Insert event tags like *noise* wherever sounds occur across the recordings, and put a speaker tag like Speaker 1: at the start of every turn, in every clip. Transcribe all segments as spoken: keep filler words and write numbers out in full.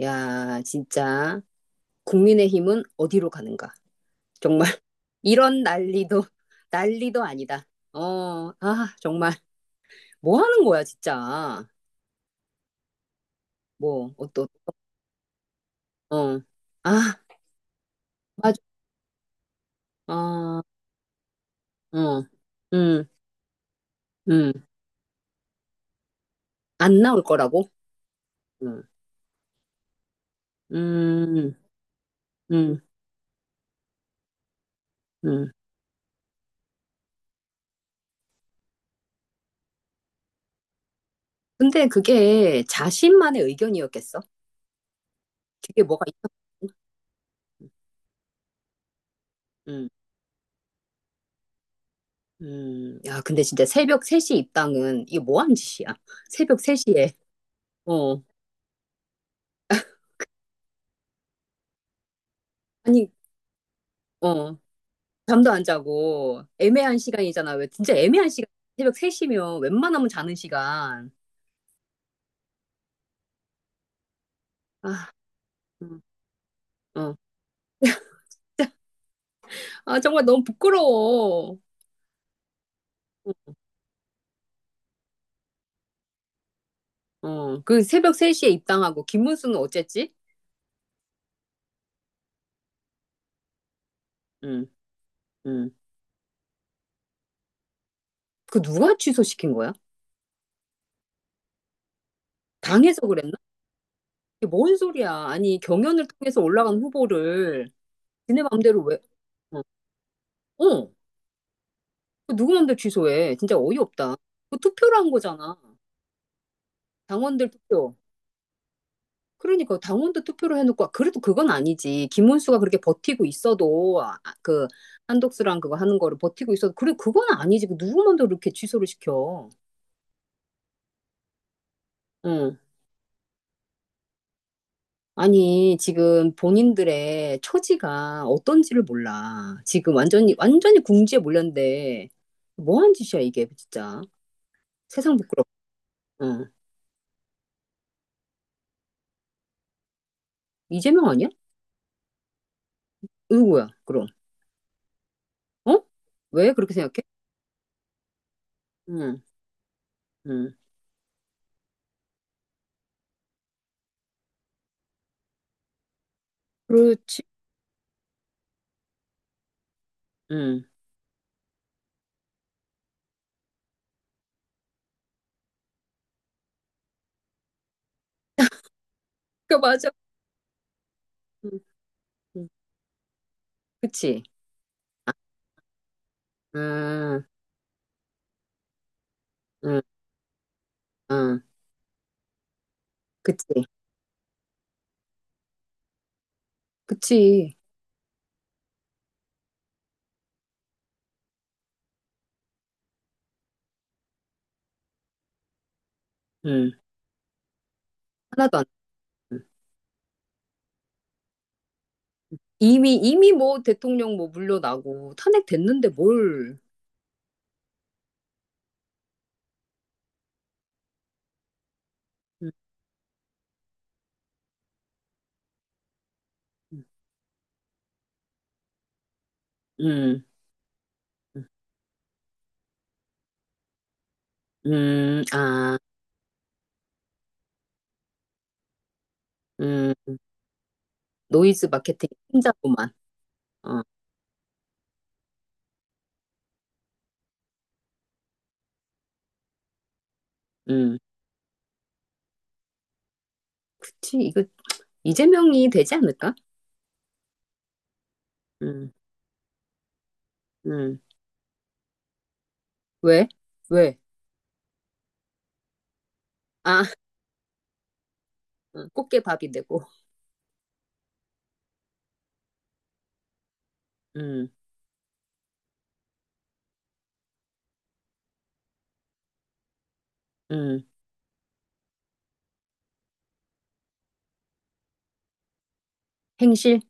Speaker 1: 야, 진짜 국민의힘은 어디로 가는가? 정말 *laughs* 이런 난리도 난리도 아니다. 어, 아, 정말 뭐 하는 거야, 진짜. 뭐, 어떠, 어, 아, 맞아, 어, 어, 음, 음, 안 나올 거라고. 음, 음, 음, 음. 근데 그게 자신만의 의견이었겠어? 그게 뭐가 있어? 음, 음, 야, 근데 진짜 새벽 세 시 입당은 이게 뭐 하는 짓이야? 새벽 세 시에. 어. 아니, 어, 잠도 안 자고 애매한 시간이잖아. 왜 진짜 애매한 시간. 새벽 세 시면 웬만하면 자는 시간. 아, 음, 어. *laughs* 아, 정말 너무 부끄러워. 어, 그 새벽 세 시에 입당하고 김문수는 어쨌지? 응, 응. 그 누가 취소시킨 거야? 당에서 그랬나? 이게 뭔 소리야? 아니, 경연을 통해서 올라간 후보를 지네 맘대로 왜? 어, 어. 그 누구 맘대로 취소해? 진짜 어이없다. 그 투표로 한 거잖아. 당원들 투표. 그러니까 당원도 투표를 해놓고 아, 그래도 그건 아니지. 김문수가 그렇게 버티고 있어도 아, 아, 그 한독수랑 그거 하는 거를 버티고 있어도 그래 그건 아니지. 그 누구만도 이렇게 취소를 시켜. 응. 아니 지금 본인들의 처지가 어떤지를 몰라. 지금 완전히 완전히 궁지에 몰렸는데 뭐한 짓이야 이게 진짜. 세상 부끄럽. 응. 이재명 아니야? 누구야 그럼? 어? 왜 그렇게 생각해? 응. 응. 그렇지. 응. 그 맞아. 응. 응. 그치. 아, 응, 응, 그치. 그치. 응. 하나도 안. 응. 이미, 이미 뭐 대통령 뭐 물러나고 탄핵됐는데 뭘. 응, 응, 응, 음, 아, 응. 노이즈 마케팅 혼자로만. 어, 응. 그치. 이거 이재명이 되지 않을까? 응, 응. 왜? 왜? 아, 음, 꽃게 밥이 되고. 응, 응. 행실?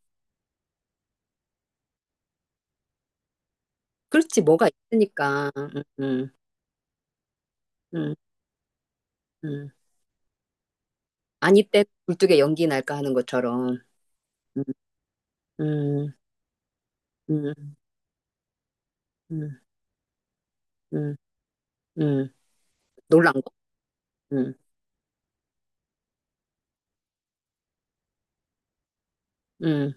Speaker 1: 그렇지. 뭐가 있으니까. 응, 응, 응. 응. 아니 때 굴뚝에 연기 날까 하는 것처럼. 음, 음, 음, 음, 음, 음. 놀란 거. 음, 음.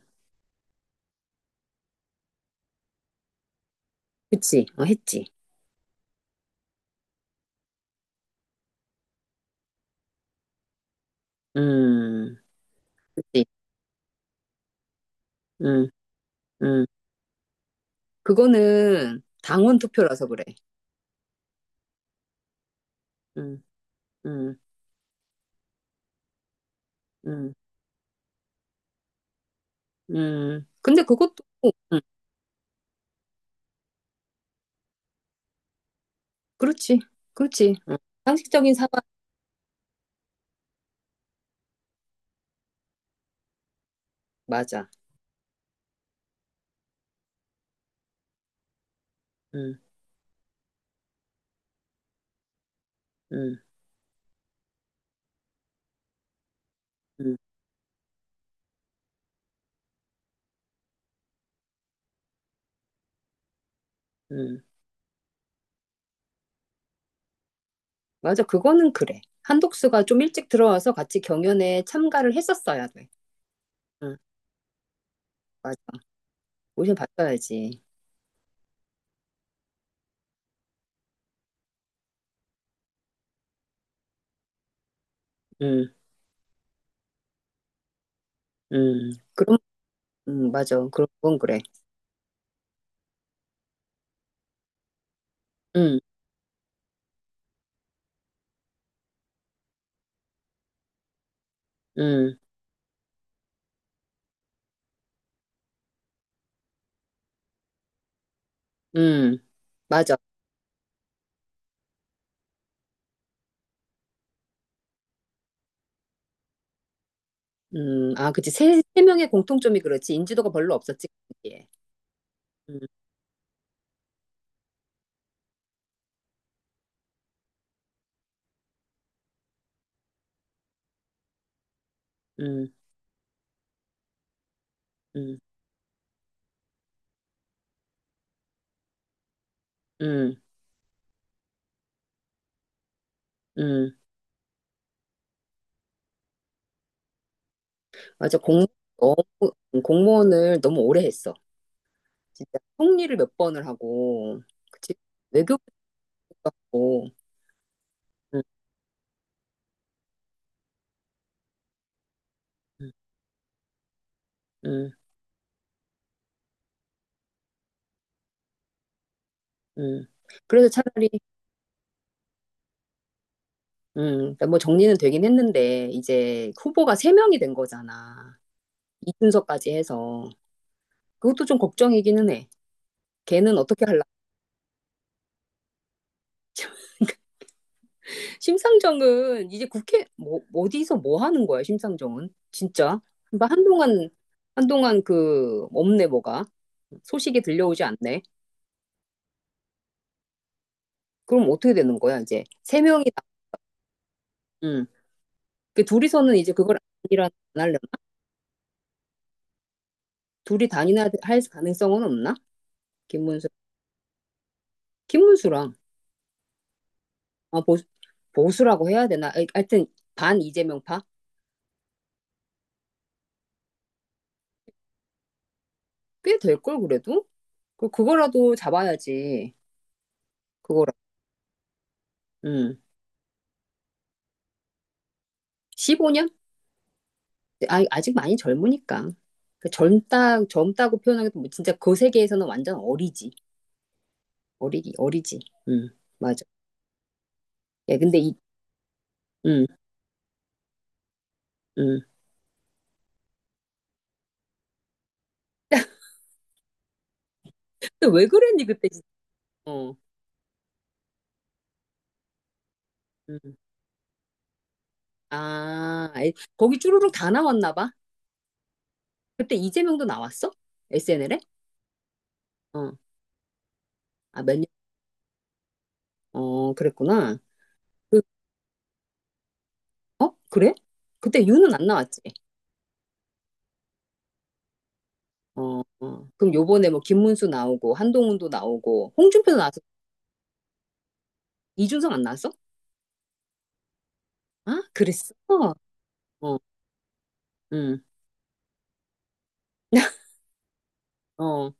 Speaker 1: 그치. 어, 했지. 음, 그치. 음, 음. 그거는 당원 투표라서 그래. 음, 음, 음, 음. 근데 그것도, 음, 그렇지. 그렇지. 어. 상식적인 사과. 맞아. 음, 음, 음, 음. 맞아. 그거는 그래. 한독수가 좀 일찍 들어와서 같이 경연에 참가를 했었어야 돼. 응, 맞아. 오션 바꿔야지. 응, 응. 그럼, 응, 맞아. 그런 건 그래. 응, 응, 응. 맞아. 음, 아, 그치. 세, 세 명의 공통점이 그렇지. 인지도가 별로 없었지, 거기에. 음, 음, 음, 음, 음. 맞아. 공, 너무, 공무원을 너무 오래 했어. 진짜. 통리를 몇 번을 하고, 그치. 외교부도 하고, 음, 음, 음. 음. 그래서 차라리, 음, 그러니까 뭐 정리는 되긴 했는데, 이제 후보가 세 명이 된 거잖아. 이준석까지 해서 그것도 좀 걱정이기는 해. 걔는 어떻게 할라? 심상정은 이제 국회 뭐 어디서 뭐 하는 거야, 심상정은? 진짜. 그러니까 한동안 한동안 그 없네 뭐가 소식이 들려오지 않네. 그럼 어떻게 되는 거야, 이제? 세 명이 다. 음. 그 둘이서는 이제 그걸 아니라 안 하려나? 둘이 단일화 할 가능성은 없나? 김문수. 김문수랑 아 보수, 보수라고 해야 되나? 아이, 하여튼 반 이재명파? 꽤 될걸 그래도? 그 그거라도 잡아야지. 그거랑. 음. 십오 년? 아, 아직 많이 젊으니까. 그 젊다, 젊다고 표현하기도 뭐 진짜 그 세계에서는 완전 어리지. 어리기, 어리지. 음, 맞아. 야, 근데 이, 음, 음. 근데 왜 그랬니, 그때 진짜. 어, 음. 아, 아이, 거기 쭈루룩 다 나왔나 봐. 그때 이재명도 나왔어? 에스엔엘에? 어, 아, 몇 년? 어, 그랬구나. 그, 어? 그래? 그때 유는 안 나왔지. 어, 어. 그럼 요번에 뭐 김문수 나오고, 한동훈도 나오고, 홍준표도 나왔어. 이준석 안 나왔어? 아, 그랬어? 어, 응, *laughs* 어,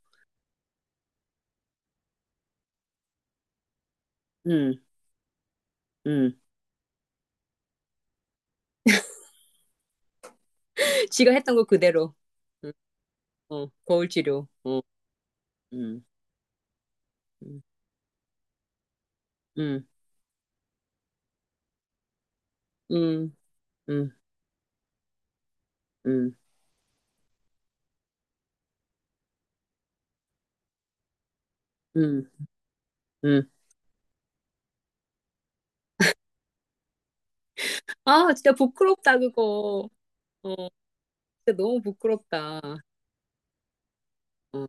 Speaker 1: 응, 응. 지가 했던 거 그대로. 응, 어, 거울 치료. 어, 응, 응, 응, 응, 응, 응, 응. 응. 아, 진짜 부끄럽다, 그거. 어, 진짜 너무 부끄럽다. 어,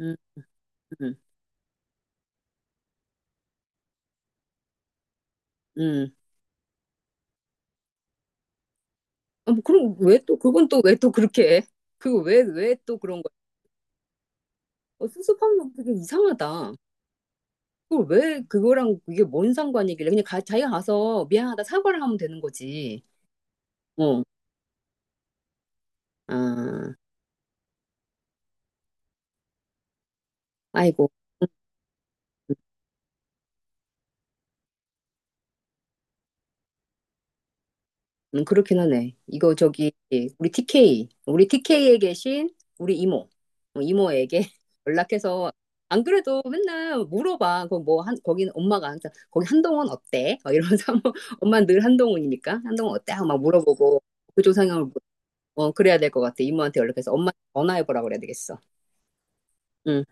Speaker 1: 응, 응, 응. 아, 뭐 그럼 왜 또, 그건 또 왜 또 그렇게 해? 그거 왜, 왜 또 그런 거야? 어, 수습하는 거 되게 이상하다. 그걸 왜 그거랑 이게 뭔 상관이길래 그냥 가, 자기가 가서 미안하다 사과를 하면 되는 거지. 어, 아, 아이고. 음, 그렇긴 하네. 이거 저기, 우리 티케이, 우리 티케이에 계신 우리 이모, 어, 이모에게 *laughs* 연락해서, 안 그래도 맨날 물어봐. 거기 뭐, 한, 거긴 엄마가 항상, 거기 한동훈 어때? 막 이러면서, *laughs* 한번 엄마는 늘 한동훈이니까, 한동훈 어때? 하고 막 물어보고, 그쪽 상황을, 물- 어, 그래야 될 것 같아. 이모한테 연락해서 엄마 전화해보라 그래야 되겠어. 응.